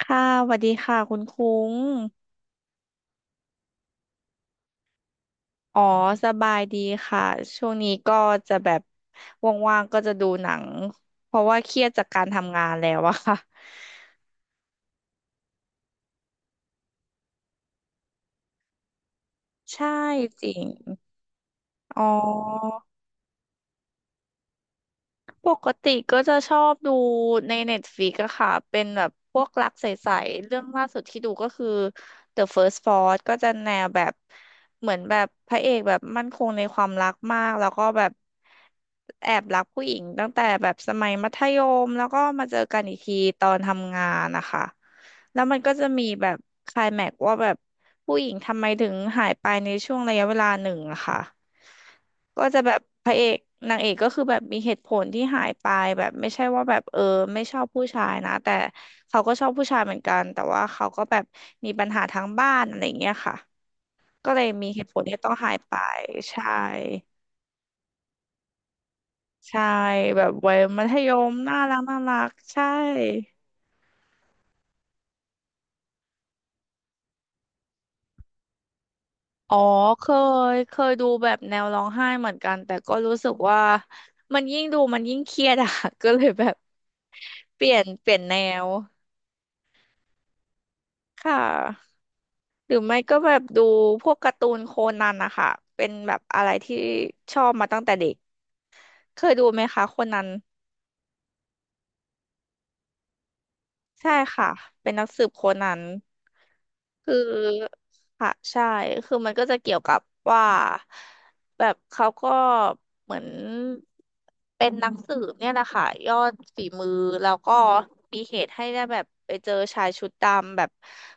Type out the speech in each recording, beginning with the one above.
ค่ะสวัสดีค่ะคุณคุ้ง อ๋อ สบายดีค่ะ ช่วงนี้ก็จะแบบว่างๆก็จะดูหนัง เพราะว่าเครียดจากการทำงานแล้วอะค่ะ ใช่จริง อ๋อ ปกติก็จะชอบดูในเน็ตฟ i ิกอะค่ะเป็นแบบพวกรักใสๆเรื่องล่าสุดที่ดูก็คือ The First Frost ก็จะแนวแบบเหมือนแบบพระเอกแบบมั่นคงในความรักมากแล้วก็แบบแอบรักผู้หญิงตั้งแต่แบบสมัยมัธยมแล้วก็มาเจอกันอีกทีตอนทำงานนะคะแล้วมันก็จะมีแบบไคลแม็กซ์ว่าแบบผู้หญิงทำไมถึงหายไปในช่วงระยะเวลาหนึ่งอะค่ะ ก็จะแบบพระเอกนางเอกก็คือแบบมีเหตุผลที่หายไปแบบไม่ใช่ว่าแบบเออไม่ชอบผู้ชายนะแต่เขาก็ชอบผู้ชายเหมือนกันแต่ว่าเขาก็แบบมีปัญหาทางบ้านอะไรอย่างเงี้ยค่ะก็เลยมีเหตุผลที่ต้องหายไปใช่ใช่แบบวัยมัธยมน่ารักน่ารักใช่อ๋อเคเคยดูแบบแนวร้องไห้เหมือนกันแต่ก็รู้สึกว่ามันยิ่งดูมันยิ่งเครียดอะ ก็เลยแบบเปลี่ยนแนวค่ะ หรือไม่ก็แบบดูพวกการ์ตูนโคนันนะคะเป็นแบบอะไรที่ชอบมาตั้งแต่เด็กเคยดูไหมคะโคนัน ใช่ค่ะเป็นนักสืบโคนันคือค่ะใช่คือมันก็จะเกี่ยวกับว่าแบบเขาก็เหมือนเป็นนักสืบเนี่ยแหละค่ะยอดฝีมือแล้วก็มีเหตุให้ได้แบบไปเจอชายชุดดำแบบ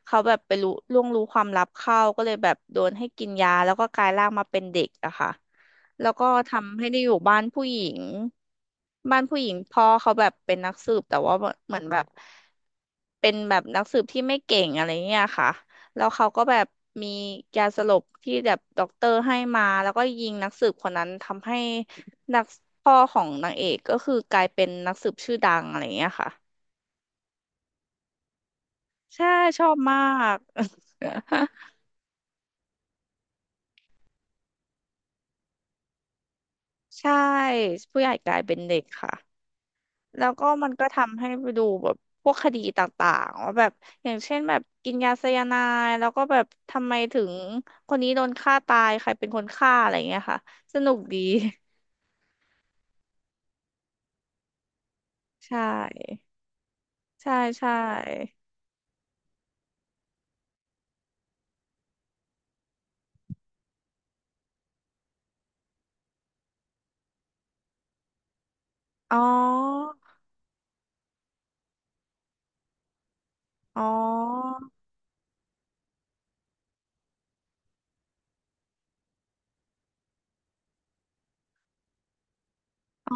เขาแบบไปรู้ล่วงรู้ความลับเข้าก็เลยแบบโดนให้กินยาแล้วก็กลายร่างมาเป็นเด็กอะค่ะ แล้วก็ทำให้ได้อยู่บ้านผู้หญิงพ่อเขาแบบเป็นนักสืบแต่ว่าเหมือนแบบเป็นแบบนักสืบที่ไม่เก่งอะไรเงี้ยค่ะแล้วเขาก็แบบมียาสลบที่แบบด็อกเตอร์ให้มาแล้วก็ยิงนักสืบคนนั้นทำให้นักพ่อของนางเอกก็คือกลายเป็นนักสืบชื่อดังอะไรเงี้ยค่ะใช่ชอบมาก ใช่ผู้ใหญ่กลายเป็นเด็กค่ะ แล้วก็มันก็ทำให้ไปดูแบบพวกคดีต่างๆว่าแบบอย่างเช่นแบบกินยาไซยาไนด์แล้วก็แบบทำไมถึงคนนี้โดนฆ่าตายใครเป็นคนฆ่าอะไรอย่างเงี้ยค่ะสนุกดี ใช่ใช่ใช่อ๋ออ๋ออ๋อ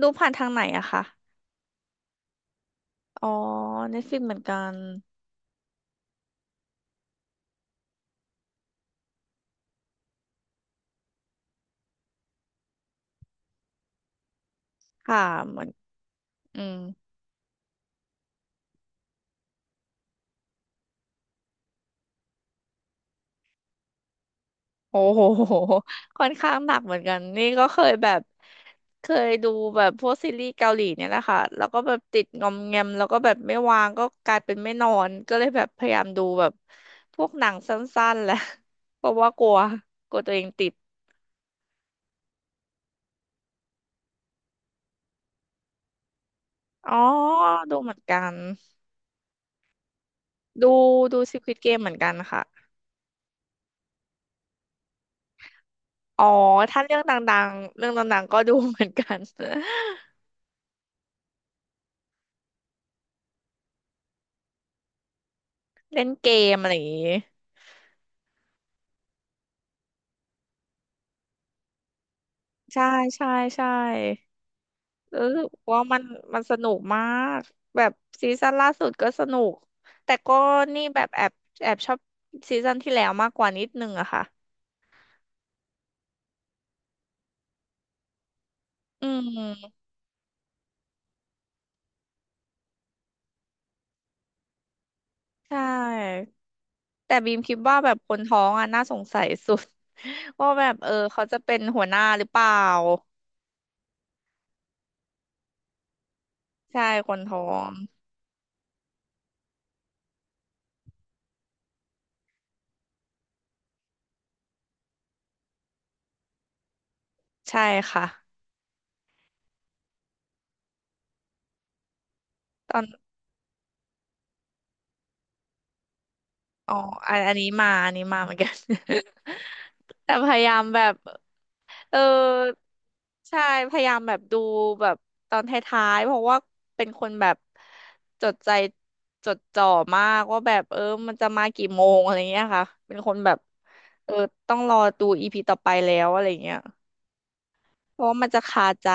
ดูผ่านทางไหนอะคะอ๋อ Netflix เหมือนกันค่ะเหมือนอืม โอ้โหค่อนข้างหนักเหมือนกันนี่ก็เคยแบบเคยดูแบบพวกซีรีส์เกาหลีเนี่ยแหละค่ะแล้วก็แบบติดงอมแงมแล้วก็แบบไม่วางก็กลายเป็นไม่นอนก็เลยแบบพยายามดูแบบพวกหนังสั้นๆแหละ เพราะว่ากลัวกลัวตัวเองติดอ๋อดูเหมือนกันดูดู Squid Game เหมือนกันค่ะอ๋อถ้าเรื่องดังๆเรื่องดังๆก็ดูเหมือนกัน เล่นเกมอะไรอย่างงี้ใช่ใช่ใช่ รู้สึกว่ามันมันสนุกมากแบบซีซั่นล่าสุดก็สนุกแต่ก็นี่แบบแอบชอบซีซั่นที่แล้วมากกว่านิดนึงอะค่ะอืมใช่แต่บีมคิดว่าแบบคนท้องอะน่าสงสัยสุด ว่าแบบเออเขาจะเป็นหัวหน้าหรือเปล่าใช่คนท้องใช่ค่ะตอน อ๋ออันนี้มาอันนี้มาเหมือนกัน แต่พยายามแบบเออใช่พยายามแบบดูแบบตอนท้ายๆเพราะว่าเป็นคนแบบจดใจจดจ่อมากว่าแบบเออมันจะมากี่โมงอะไรเงี้ยค่ะ เป็นคนแบบเออต้องรอดูอีพีต่อไปแล้วอะไรเงี้ยเพราะว่ามันจะคาใจ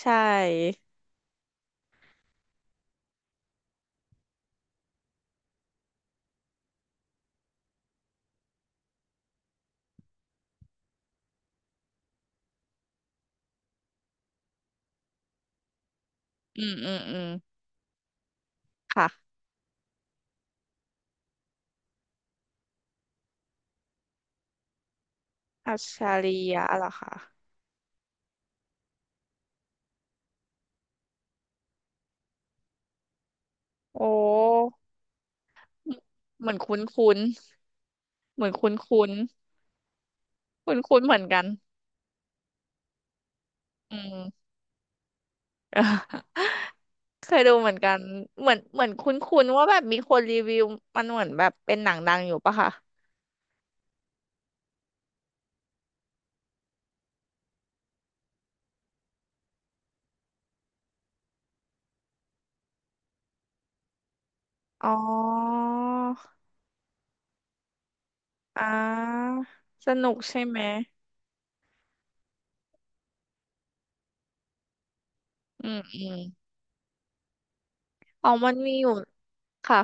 ใช่อืมอืมอืมค่ะอัชชาริยะเหรอคะโอ้เหมือนคุ้นคุ้น เหมือนคุ้นคุ้นคุ้นคุ้นๆเหมือนกันอืม เออเคยดูเหมือนกันเหมือนเหมือนคุ้นคุ้นว่าแบบมีคนรีวิวมันเหมือนแบบเป็นหนังดังอยู่ปะคะอ๋ออ่าสนุกใช่ไหมอืมอืมอ๋อมันมีอยู่ค่ะ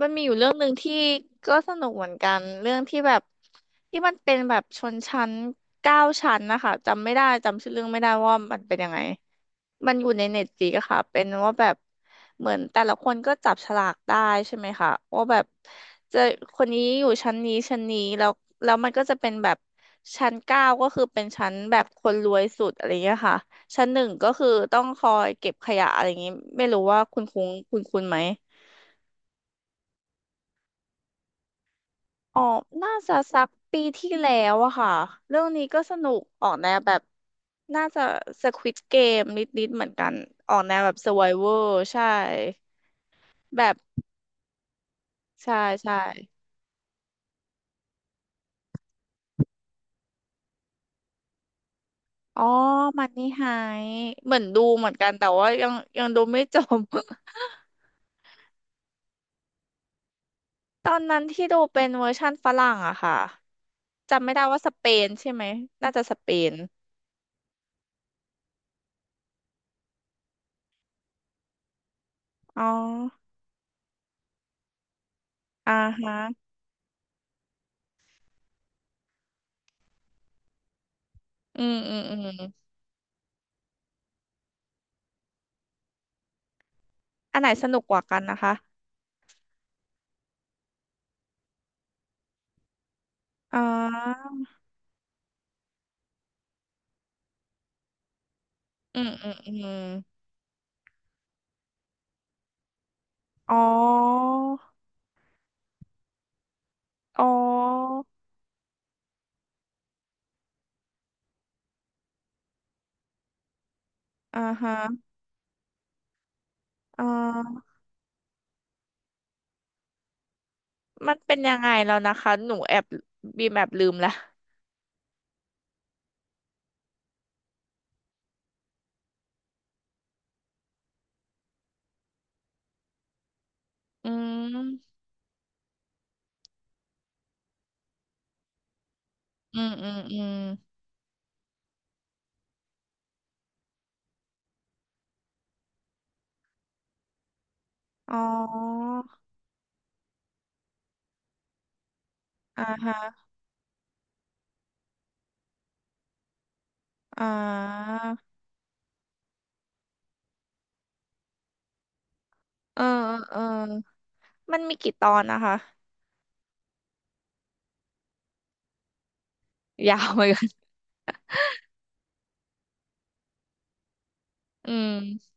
มันมีอยู่เรื่องหนึ่งที่ก็สนุกเหมือนกันเรื่องที่แบบที่มันเป็นแบบชนชั้น9 ชั้นนะคะจำไม่ได้จำชื่อเรื่องไม่ได้ว่ามันเป็นยังไงมันอยู่ในเน็ตฟลิกซ์อะค่ะเป็นว่าแบบเหมือนแต่ละคนก็จับฉลากได้ใช่ไหมคะว่าแบบจะคนนี้อยู่ชั้นนี้ชั้นนี้แล้วแล้วมันก็จะเป็นแบบชั้นเก้าก็คือเป็นชั้นแบบคนรวยสุดอะไรเงี้ยค่ะชั้น 1ก็คือต้องคอยเก็บขยะอะไรอย่างงี้ไม่รู้ว่าคุณคุ้งคุณคุ้นไหม อ๋อ น่าจะสักปีที่แล้วอะค่ะ เรื่องนี้ก็สนุกออกแนวแบบน่าจะ Squid Game นิดๆเหมือนกันออกแนวแบบ Survivor ใช่แบบใช่ใช่อ๋อ มันนี่ไฮเหมือนดูเหมือนกันแต่ว่ายังยังดูไม่จบ ตอนนั้นที่ดูเป็นเวอร์ชั่นฝรั่งอะค่ะจำไม่ได้ว่าสเปนใช่ไหมน่าจะสเปนอ๋ออ่าฮะอืมอืมอืมอันไหนสนุกกว่ากันนะคะอ๋อ อืมอืมอืมอ๋ออ๋ออ่าฮะอ่ามันเป็นยังไงแล้วนะคะหนูแอบบีมแอบลืมละอืมอืมอืมอืมอ๋ออ่าฮะอ่าเออเออเออมันมีกี่ตอนนะคะยาวเหมือนกันอืม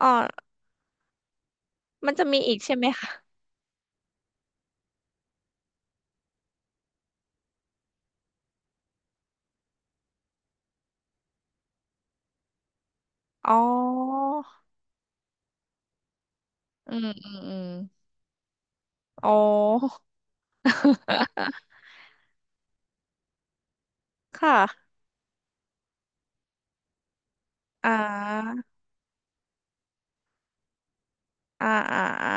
อ๋อมันจะมีอีกใช่ไหมคะอ๋ออืมอืมอืมอ๋อ ค่ะอ่าอ่าอ่าอ่า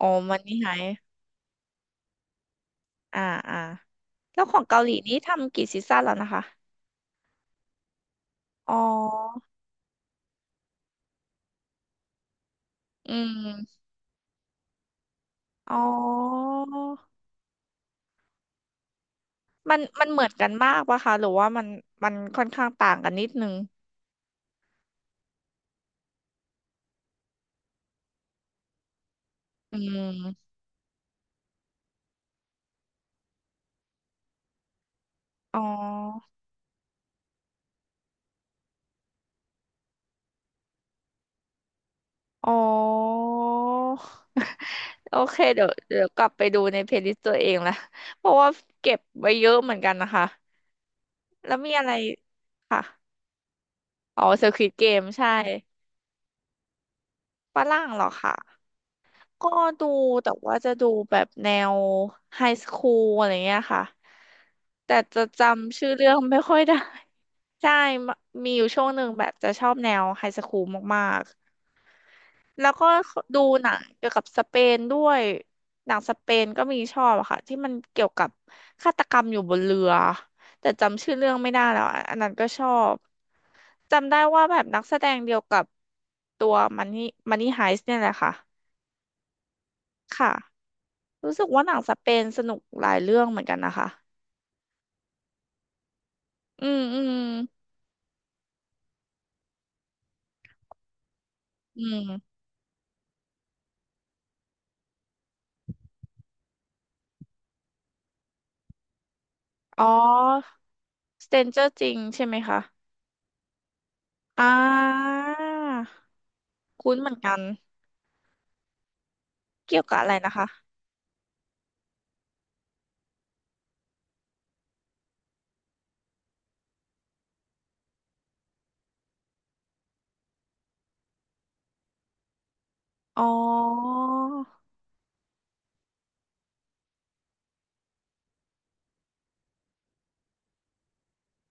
อ๋อมันนี่หาย อ่าอ่าแล้วของเกาหลีนี่ทำกี่ซีซั่นแล้วนะคะอ๋ออืมอ๋อมันมันเหมือนกันมากปะคะหรือว่ามันมันค่อนข้างต่างกันนิดนึงอืมอ๋ออ๋อ โอเคเดี๋ยวเดี๋ยวกลับไปดูในเพลย์ลิสต์ตัวเองละ เพราะว่าเก็บไว้เยอะเหมือนกันนะคะแล้วมีอะไรค่ะอ๋อ Squid Game ใช่ฝรั่งเหรอคะ ก็ดูแต่ว่าจะดูแบบแนวไฮสคูลอะไรเงี้ยค่ะแต่จะจำชื่อเรื่องไม่ค่อยได้ ใช่มมีอยู่ช่วงหนึ่งแบบจะชอบแนวไฮสคูลมากๆแล้วก็ดูหนังเกี่ยวกับสเปนด้วยหนังสเปนก็มีชอบอะค่ะที่มันเกี่ยวกับฆาตกรรมอยู่บนเรือแต่จำชื่อเรื่องไม่ได้แล้วอะอันนั้นก็ชอบจำได้ว่าแบบนักแสดงเดียวกับตัวมันนี่มันนี่ไฮส์เนี่ยแหละค่ะค่ะ รู้สึกว่าหนังสเปนสนุกหลายเรื่องเหมือนกันนะคะอืมอืมอืมอ๋อ Stranger จริงใช่ไหมคะอ่าคุ้นเหมือนกัน เกี่ยวกับอะไรนะคะอ๋อ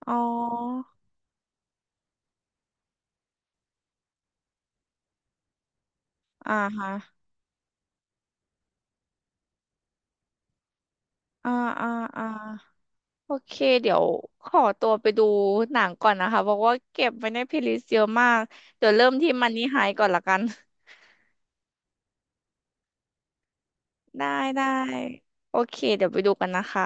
อ๋ออ่าฮะอ่าอ่าอ่าโอเคเดี๋ยวขอตัวไปดูหนังก่อนนะคะ เพราะว่าเก็บไว้ในเพลย์ลิสต์เยอะมากเดี๋ยวเริ่มที่มันนี่ไฮก่อนละกัน ได้ได้โอเคเดี๋ยวไปดูกันนะคะ